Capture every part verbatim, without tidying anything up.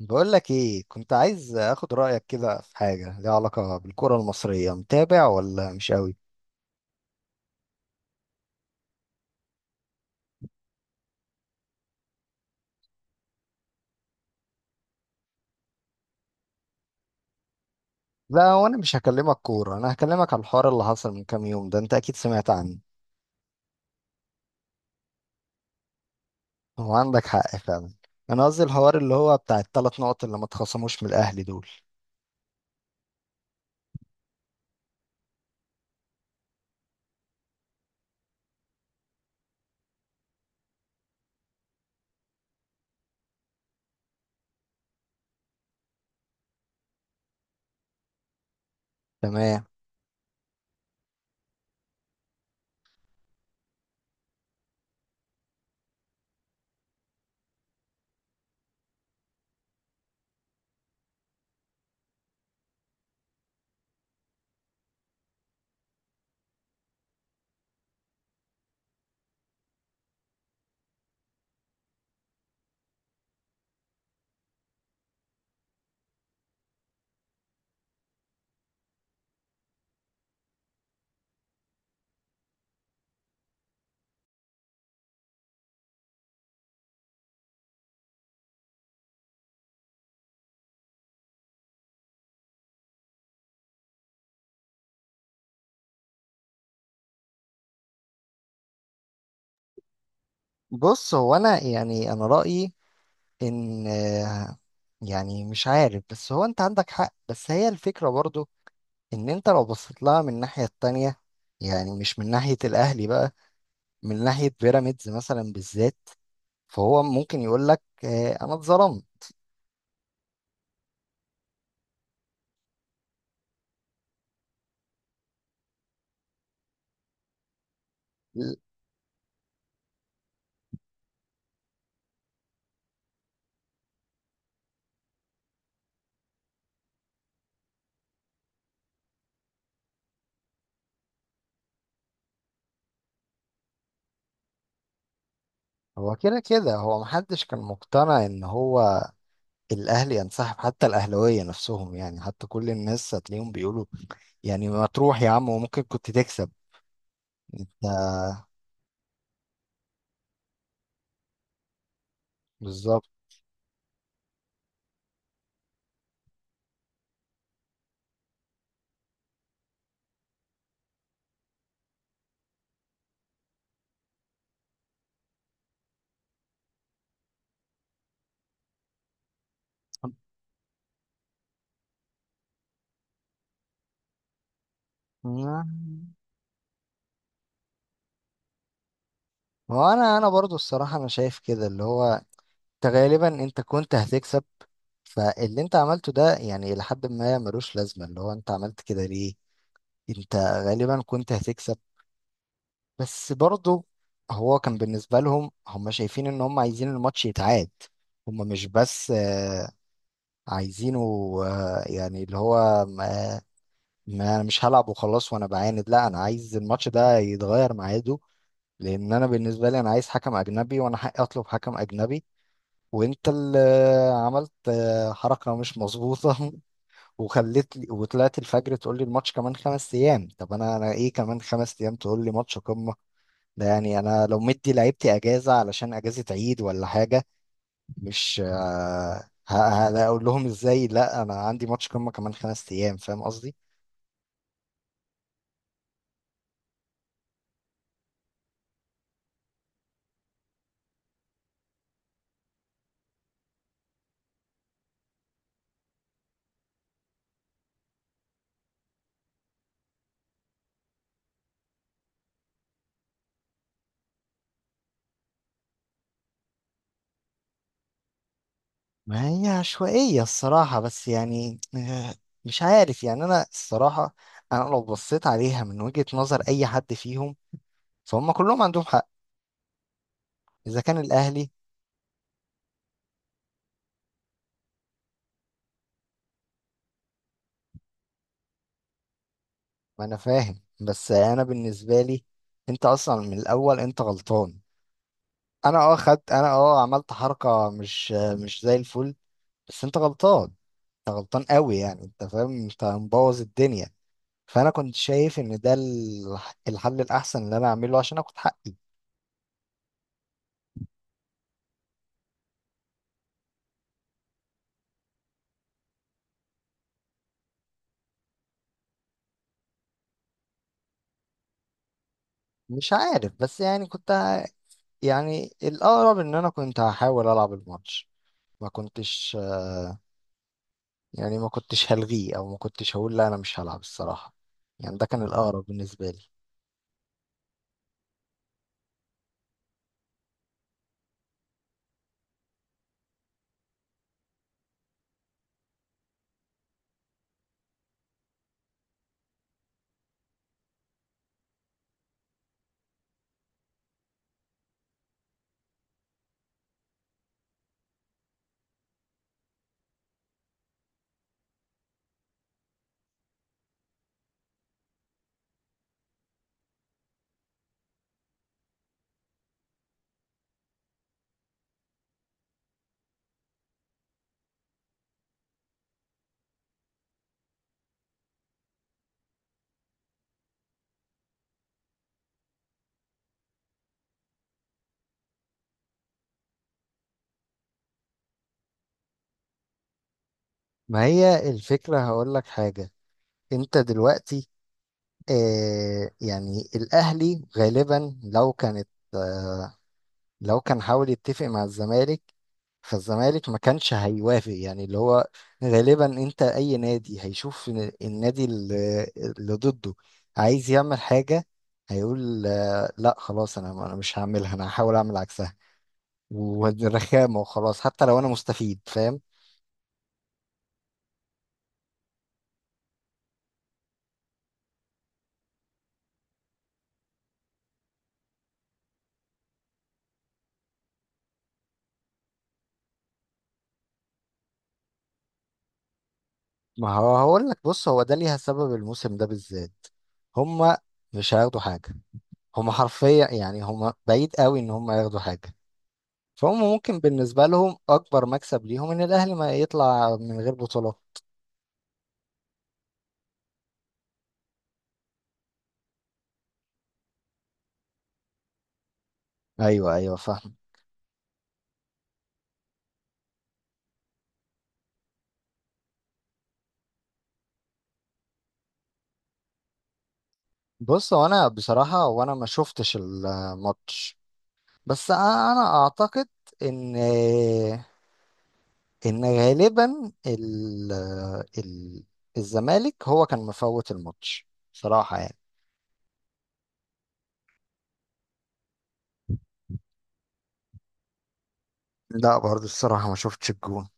بقول لك ايه، كنت عايز اخد رايك كده في حاجه ليها علاقه بالكره المصريه. متابع ولا مش قوي؟ لا وانا مش هكلمك كوره، انا هكلمك على الحوار اللي حصل من كام يوم ده. انت اكيد سمعت عنه. هو عندك حق فعلا. انا قصدي الحوار اللي هو بتاع الثلاث نقط اللي ما اتخصموش من الاهلي دول. تمام. بص، هو انا يعني انا رايي ان آه، يعني مش عارف، بس هو انت عندك حق، بس هي الفكره برضو ان انت لو بصيت لها من الناحيه التانية، يعني مش من ناحية الأهلي بقى، من ناحية بيراميدز مثلا بالذات، فهو ممكن يقول لك آه، أنا اتظلمت. ل- هو كده كده هو محدش كان مقتنع إن هو الأهلي ينسحب، حتى الأهلاوية نفسهم، يعني حتى كل الناس هتلاقيهم بيقولوا يعني ما تروح يا عم وممكن كنت تكسب. ده بالظبط. مم. هو أنا أنا برضو الصراحة أنا شايف كده، اللي هو أنت غالبا أنت كنت هتكسب. فاللي انت عملته ده يعني لحد ما ملوش لازمة، اللي هو انت عملت كده ليه؟ انت غالبا كنت هتكسب. بس برضه هو كان بالنسبة لهم، هم شايفين ان هم عايزين الماتش يتعاد. هم مش بس آه، عايزينه آه، يعني اللي هو ما ما انا مش هلعب وخلاص وانا بعاند. لا انا عايز الماتش ده يتغير ميعاده، لان انا بالنسبة لي انا عايز حكم اجنبي وانا حقي اطلب حكم اجنبي. وانت اللي آه، عملت آه، حركة مش مظبوطة. وخليت وطلعت الفجر تقول لي الماتش كمان خمس ايام. طب انا انا ايه كمان خمس ايام تقول لي ماتش قمة؟ ده يعني انا لو مدي لعيبتي اجازه علشان اجازه عيد ولا حاجه، مش آه، ه- ه- هقول لهم ازاي؟ لا انا عندي ماتش قمه كمان خمس ايام، فاهم قصدي؟ ما هي عشوائيه الصراحه، بس يعني آه، مش عارف، يعني انا الصراحه انا لو بصيت عليها من وجهه نظر اي حد فيهم، فهم كلهم عندهم حق. اذا كان الاهلي، ما انا فاهم، بس انا بالنسبه لي انت اصلا من الاول انت غلطان. انا اه خدت، انا اه عملت حركه مش مش زي الفل، بس انت غلطان. انت غلطان قوي، يعني انت فاهم انت مبوظ الدنيا. فانا كنت شايف ان ده الح- الحل الاحسن اللي انا اعمله عشان اخد حقي. مش عارف، بس يعني كنت ه- يعني الاقرب ان انا كنت هحاول العب الماتش. ما كنتش، يعني ما كنتش هلغيه، او ما كنتش هقول لا انا مش هلعب الصراحة. يعني ده كان الاقرب بالنسبة لي. ما هي الفكرة، هقول لك حاجة. انت دلوقتي، آه يعني الاهلي غالبا لو كانت، لو كان حاول يتفق مع الزمالك، فالزمالك ما كانش هيوافق، يعني اللي هو غالبا انت اي نادي هيشوف إن النادي اللي اللي ضده عايز يعمل حاجة، هيقول آه، لا خلاص انا انا مش هعملها، انا هحاول اعمل عكسها والرخامة وخلاص، حتى لو انا مستفيد، فاهم؟ ما هو هقول لك، بص هو ده ليها سبب الموسم ده بالذات. هما مش هياخدوا حاجة. هما حرفيا يعني هما بعيد قوي ان هما ياخدوا حاجة. فهم ممكن بالنسبة لهم أكبر مكسب ليهم إن الأهلي ما يطلع من غير بطولة. أيوه أيوه، فاهم. بص، هو أنا بصراحة وأنا ما شفتش الماتش، بس أنا أعتقد إن، إن غالبا ال... ال... الزمالك هو كان مفوت الماتش صراحة يعني. لا برضه الصراحة ما شفتش الجون.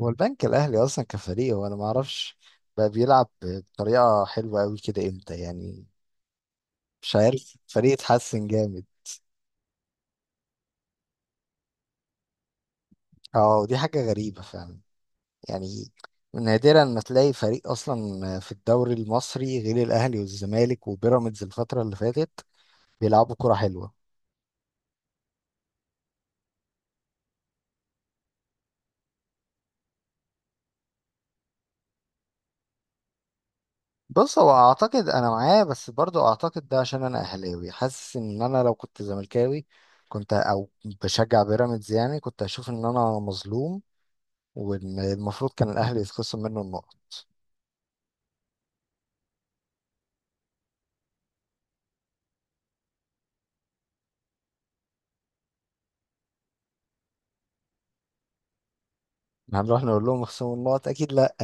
هو البنك الأهلي أصلا كفريق، وأنا ما أعرفش بقى بيلعب بطريقة حلوة أوي كده إمتى يعني؟ مش عارف، فريق اتحسن جامد. اه دي حاجة غريبة فعلا يعني. نادرا ما تلاقي فريق اصلا في الدوري المصري غير الاهلي والزمالك وبيراميدز الفترة اللي فاتت بيلعبوا كرة حلوة. بص هو اعتقد انا معاه، بس برضو اعتقد ده عشان انا اهلاوي، حاسس ان انا لو كنت زملكاوي كنت او بشجع بيراميدز يعني كنت اشوف ان انا مظلوم، وان المفروض كان الاهلي يتخصم منه النقط. هنروح نقول لهم اخصموا النقط؟ اكيد لا.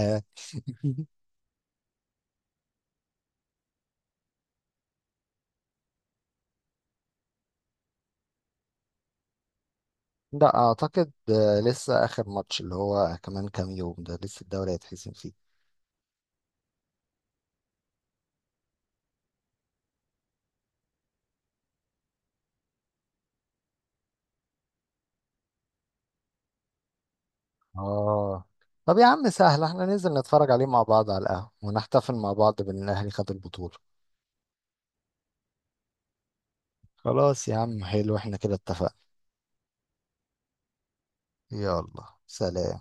لا اعتقد آه، لسه اخر ماتش اللي هو كمان كام يوم ده لسه الدوري هيتحسم فيه. اه. طب يا عم سهل، احنا ننزل نتفرج عليه مع بعض على القهوة ونحتفل مع بعض بان الاهلي خد البطولة. خلاص يا عم، حلو، احنا كده اتفقنا. يلا سلام.